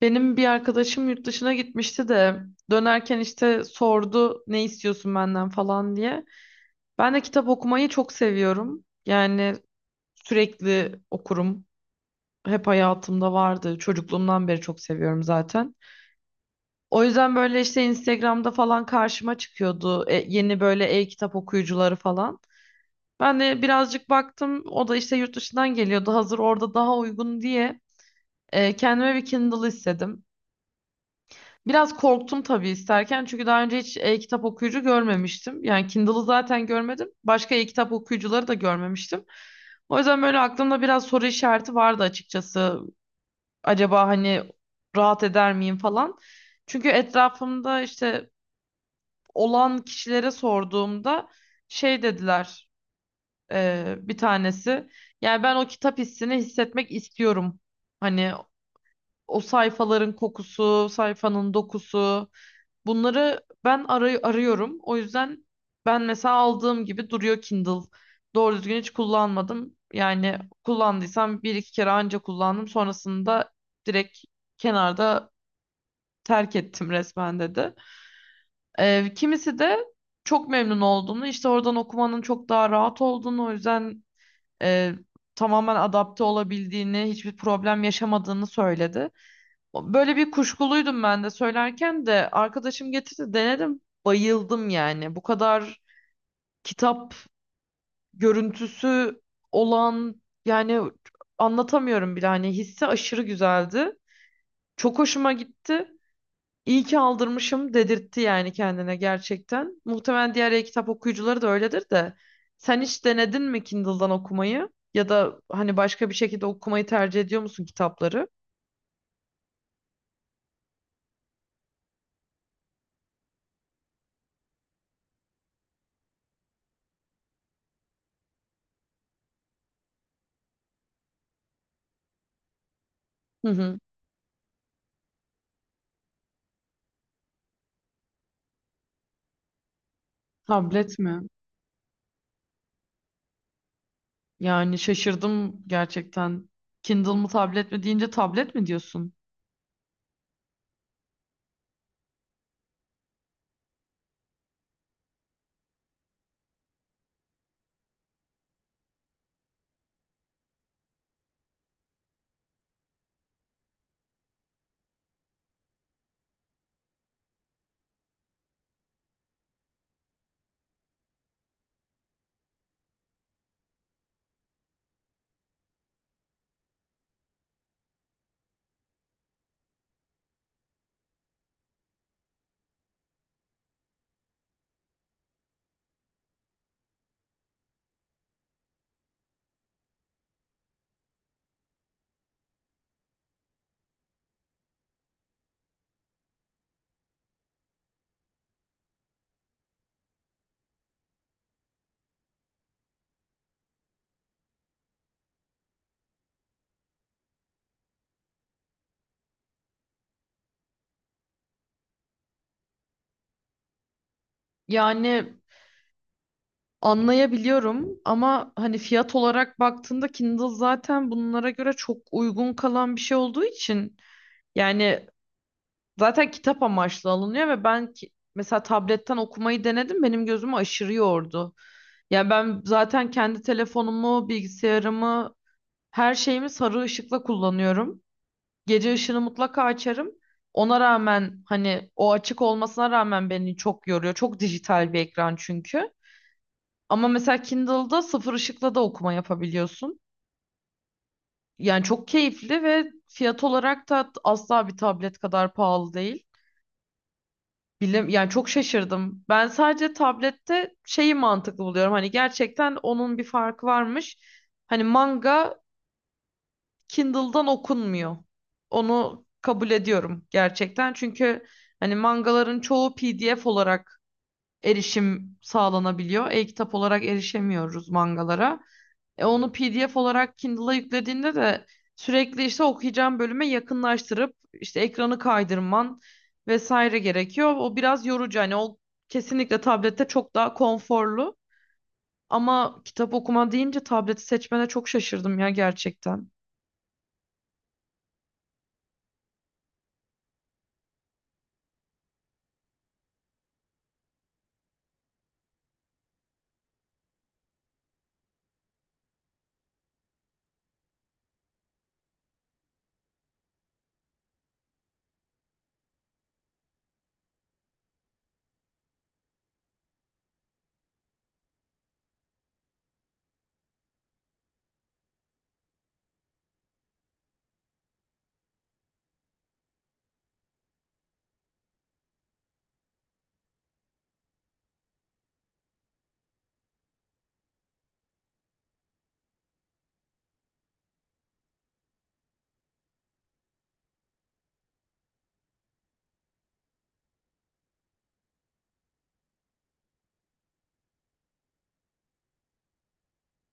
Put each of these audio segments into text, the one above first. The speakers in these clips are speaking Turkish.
Benim bir arkadaşım yurt dışına gitmişti de dönerken işte sordu ne istiyorsun benden falan diye. Ben de kitap okumayı çok seviyorum. Yani sürekli okurum. Hep hayatımda vardı. Çocukluğumdan beri çok seviyorum zaten. O yüzden böyle işte Instagram'da falan karşıma çıkıyordu, yeni böyle e-kitap okuyucuları falan. Ben de birazcık baktım. O da işte yurt dışından geliyordu. Hazır orada daha uygun diye, kendime bir Kindle istedim. Biraz korktum tabii isterken çünkü daha önce hiç e-kitap okuyucu görmemiştim. Yani Kindle'ı zaten görmedim. Başka e-kitap okuyucuları da görmemiştim. O yüzden böyle aklımda biraz soru işareti vardı açıkçası. Acaba hani rahat eder miyim falan. Çünkü etrafımda işte olan kişilere sorduğumda şey dediler, bir tanesi. Yani ben o kitap hissini hissetmek istiyorum. Hani o sayfaların kokusu, sayfanın dokusu. Bunları ben arıyorum. O yüzden ben mesela aldığım gibi duruyor Kindle. Doğru düzgün hiç kullanmadım. Yani kullandıysam bir iki kere anca kullandım. Sonrasında direkt kenarda terk ettim resmen dedi. Kimisi de çok memnun olduğunu, işte oradan okumanın çok daha rahat olduğunu, o yüzden e, tamamen adapte olabildiğini, hiçbir problem yaşamadığını söyledi. Böyle bir kuşkuluydum ben de söylerken de arkadaşım getirdi denedim bayıldım yani. Bu kadar kitap görüntüsü olan yani anlatamıyorum bile hani hissi aşırı güzeldi. Çok hoşuma gitti. İyi ki aldırmışım dedirtti yani kendine gerçekten. Muhtemelen diğer e-kitap okuyucuları da öyledir de. Sen hiç denedin mi Kindle'dan okumayı? Ya da hani başka bir şekilde okumayı tercih ediyor musun kitapları? Hı hı. Tablet mi? Yani şaşırdım gerçekten. Kindle mı tablet mi deyince tablet mi diyorsun? Yani anlayabiliyorum ama hani fiyat olarak baktığında Kindle zaten bunlara göre çok uygun kalan bir şey olduğu için yani zaten kitap amaçlı alınıyor ve ben ki, mesela tabletten okumayı denedim benim gözümü aşırı yordu. Yani ben zaten kendi telefonumu, bilgisayarımı, her şeyimi sarı ışıkla kullanıyorum. Gece ışını mutlaka açarım. Ona rağmen hani o açık olmasına rağmen beni çok yoruyor. Çok dijital bir ekran çünkü. Ama mesela Kindle'da sıfır ışıkla da okuma yapabiliyorsun. Yani çok keyifli ve fiyat olarak da asla bir tablet kadar pahalı değil. Bilim, yani çok şaşırdım. Ben sadece tablette şeyi mantıklı buluyorum. Hani gerçekten onun bir farkı varmış. Hani manga Kindle'dan okunmuyor. Onu kabul ediyorum gerçekten. Çünkü hani mangaların çoğu PDF olarak erişim sağlanabiliyor. E-kitap olarak erişemiyoruz mangalara. E onu PDF olarak Kindle'a yüklediğinde de sürekli işte okuyacağım bölüme yakınlaştırıp işte ekranı kaydırman vesaire gerekiyor. O biraz yorucu. Hani o kesinlikle tablette çok daha konforlu. Ama kitap okuma deyince tableti seçmene çok şaşırdım ya gerçekten.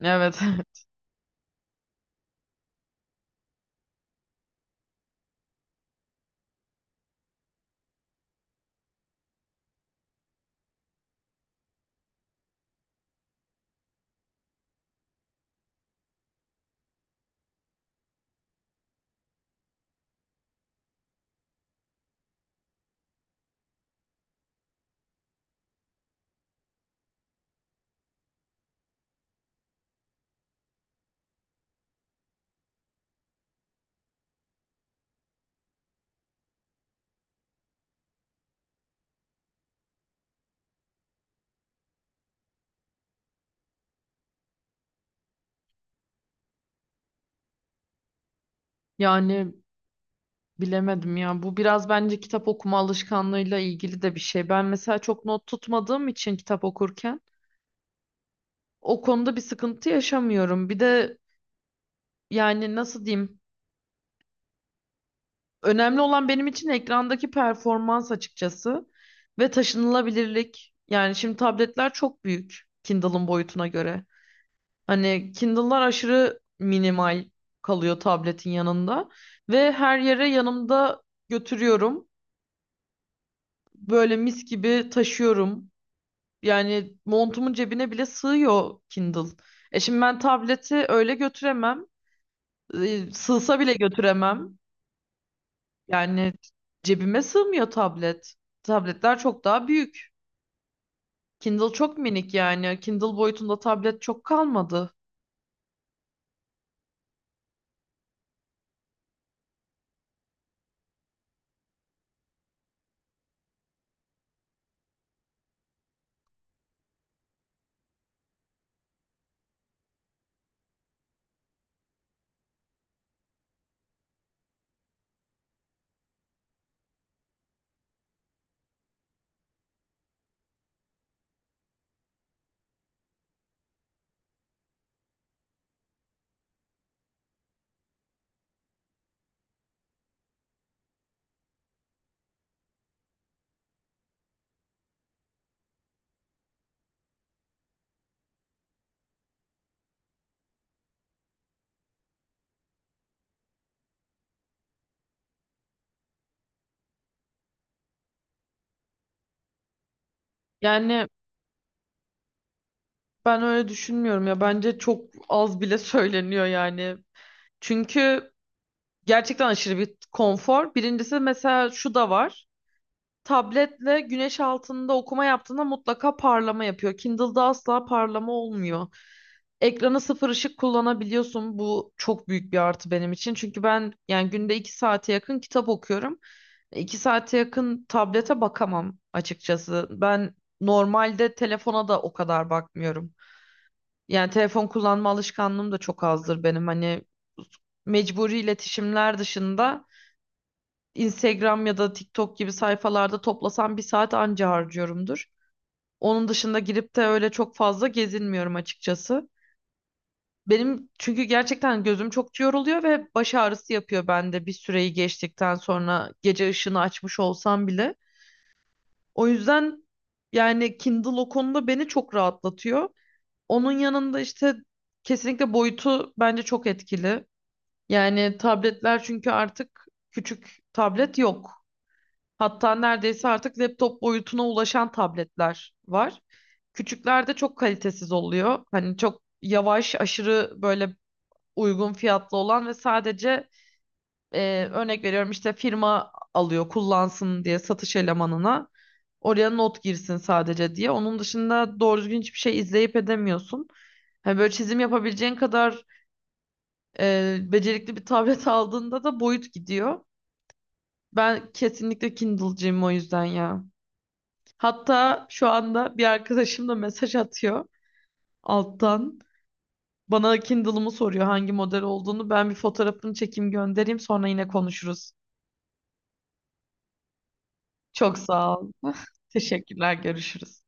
Evet. Yani bilemedim ya. Bu biraz bence kitap okuma alışkanlığıyla ilgili de bir şey. Ben mesela çok not tutmadığım için kitap okurken o konuda bir sıkıntı yaşamıyorum. Bir de yani nasıl diyeyim? Önemli olan benim için ekrandaki performans açıkçası ve taşınılabilirlik. Yani şimdi tabletler çok büyük Kindle'ın boyutuna göre. Hani Kindle'lar aşırı minimal kalıyor tabletin yanında ve her yere yanımda götürüyorum. Böyle mis gibi taşıyorum. Yani montumun cebine bile sığıyor Kindle. E şimdi ben tableti öyle götüremem. E, sığsa bile götüremem. Yani cebime sığmıyor tablet. Tabletler çok daha büyük. Kindle çok minik yani. Kindle boyutunda tablet çok kalmadı. Yani ben öyle düşünmüyorum ya. Bence çok az bile söyleniyor yani. Çünkü gerçekten aşırı bir konfor. Birincisi mesela şu da var. Tabletle güneş altında okuma yaptığında mutlaka parlama yapıyor. Kindle'da asla parlama olmuyor. Ekrana sıfır ışık kullanabiliyorsun. Bu çok büyük bir artı benim için. Çünkü ben yani günde iki saate yakın kitap okuyorum. İki saate yakın tablete bakamam açıkçası. Ben normalde telefona da o kadar bakmıyorum. Yani telefon kullanma alışkanlığım da çok azdır benim. Hani mecburi iletişimler dışında Instagram ya da TikTok gibi sayfalarda toplasam bir saat anca harcıyorumdur. Onun dışında girip de öyle çok fazla gezinmiyorum açıkçası. Benim çünkü gerçekten gözüm çok yoruluyor ve baş ağrısı yapıyor bende bir süreyi geçtikten sonra gece ışını açmış olsam bile. O yüzden yani Kindle o konuda beni çok rahatlatıyor. Onun yanında işte kesinlikle boyutu bence çok etkili. Yani tabletler çünkü artık küçük tablet yok. Hatta neredeyse artık laptop boyutuna ulaşan tabletler var. Küçüklerde çok kalitesiz oluyor. Hani çok yavaş, aşırı böyle uygun fiyatlı olan ve sadece, örnek veriyorum işte firma alıyor kullansın diye satış elemanına. Oraya not girsin sadece diye. Onun dışında doğru düzgün hiçbir şey izleyip edemiyorsun. Hani böyle çizim yapabileceğin kadar, becerikli bir tablet aldığında da boyut gidiyor. Ben kesinlikle Kindle'cıyım o yüzden ya. Hatta şu anda bir arkadaşım da mesaj atıyor alttan. Bana Kindle'ımı soruyor hangi model olduğunu. Ben bir fotoğrafını çekeyim göndereyim sonra yine konuşuruz. Çok sağ ol. Teşekkürler, görüşürüz.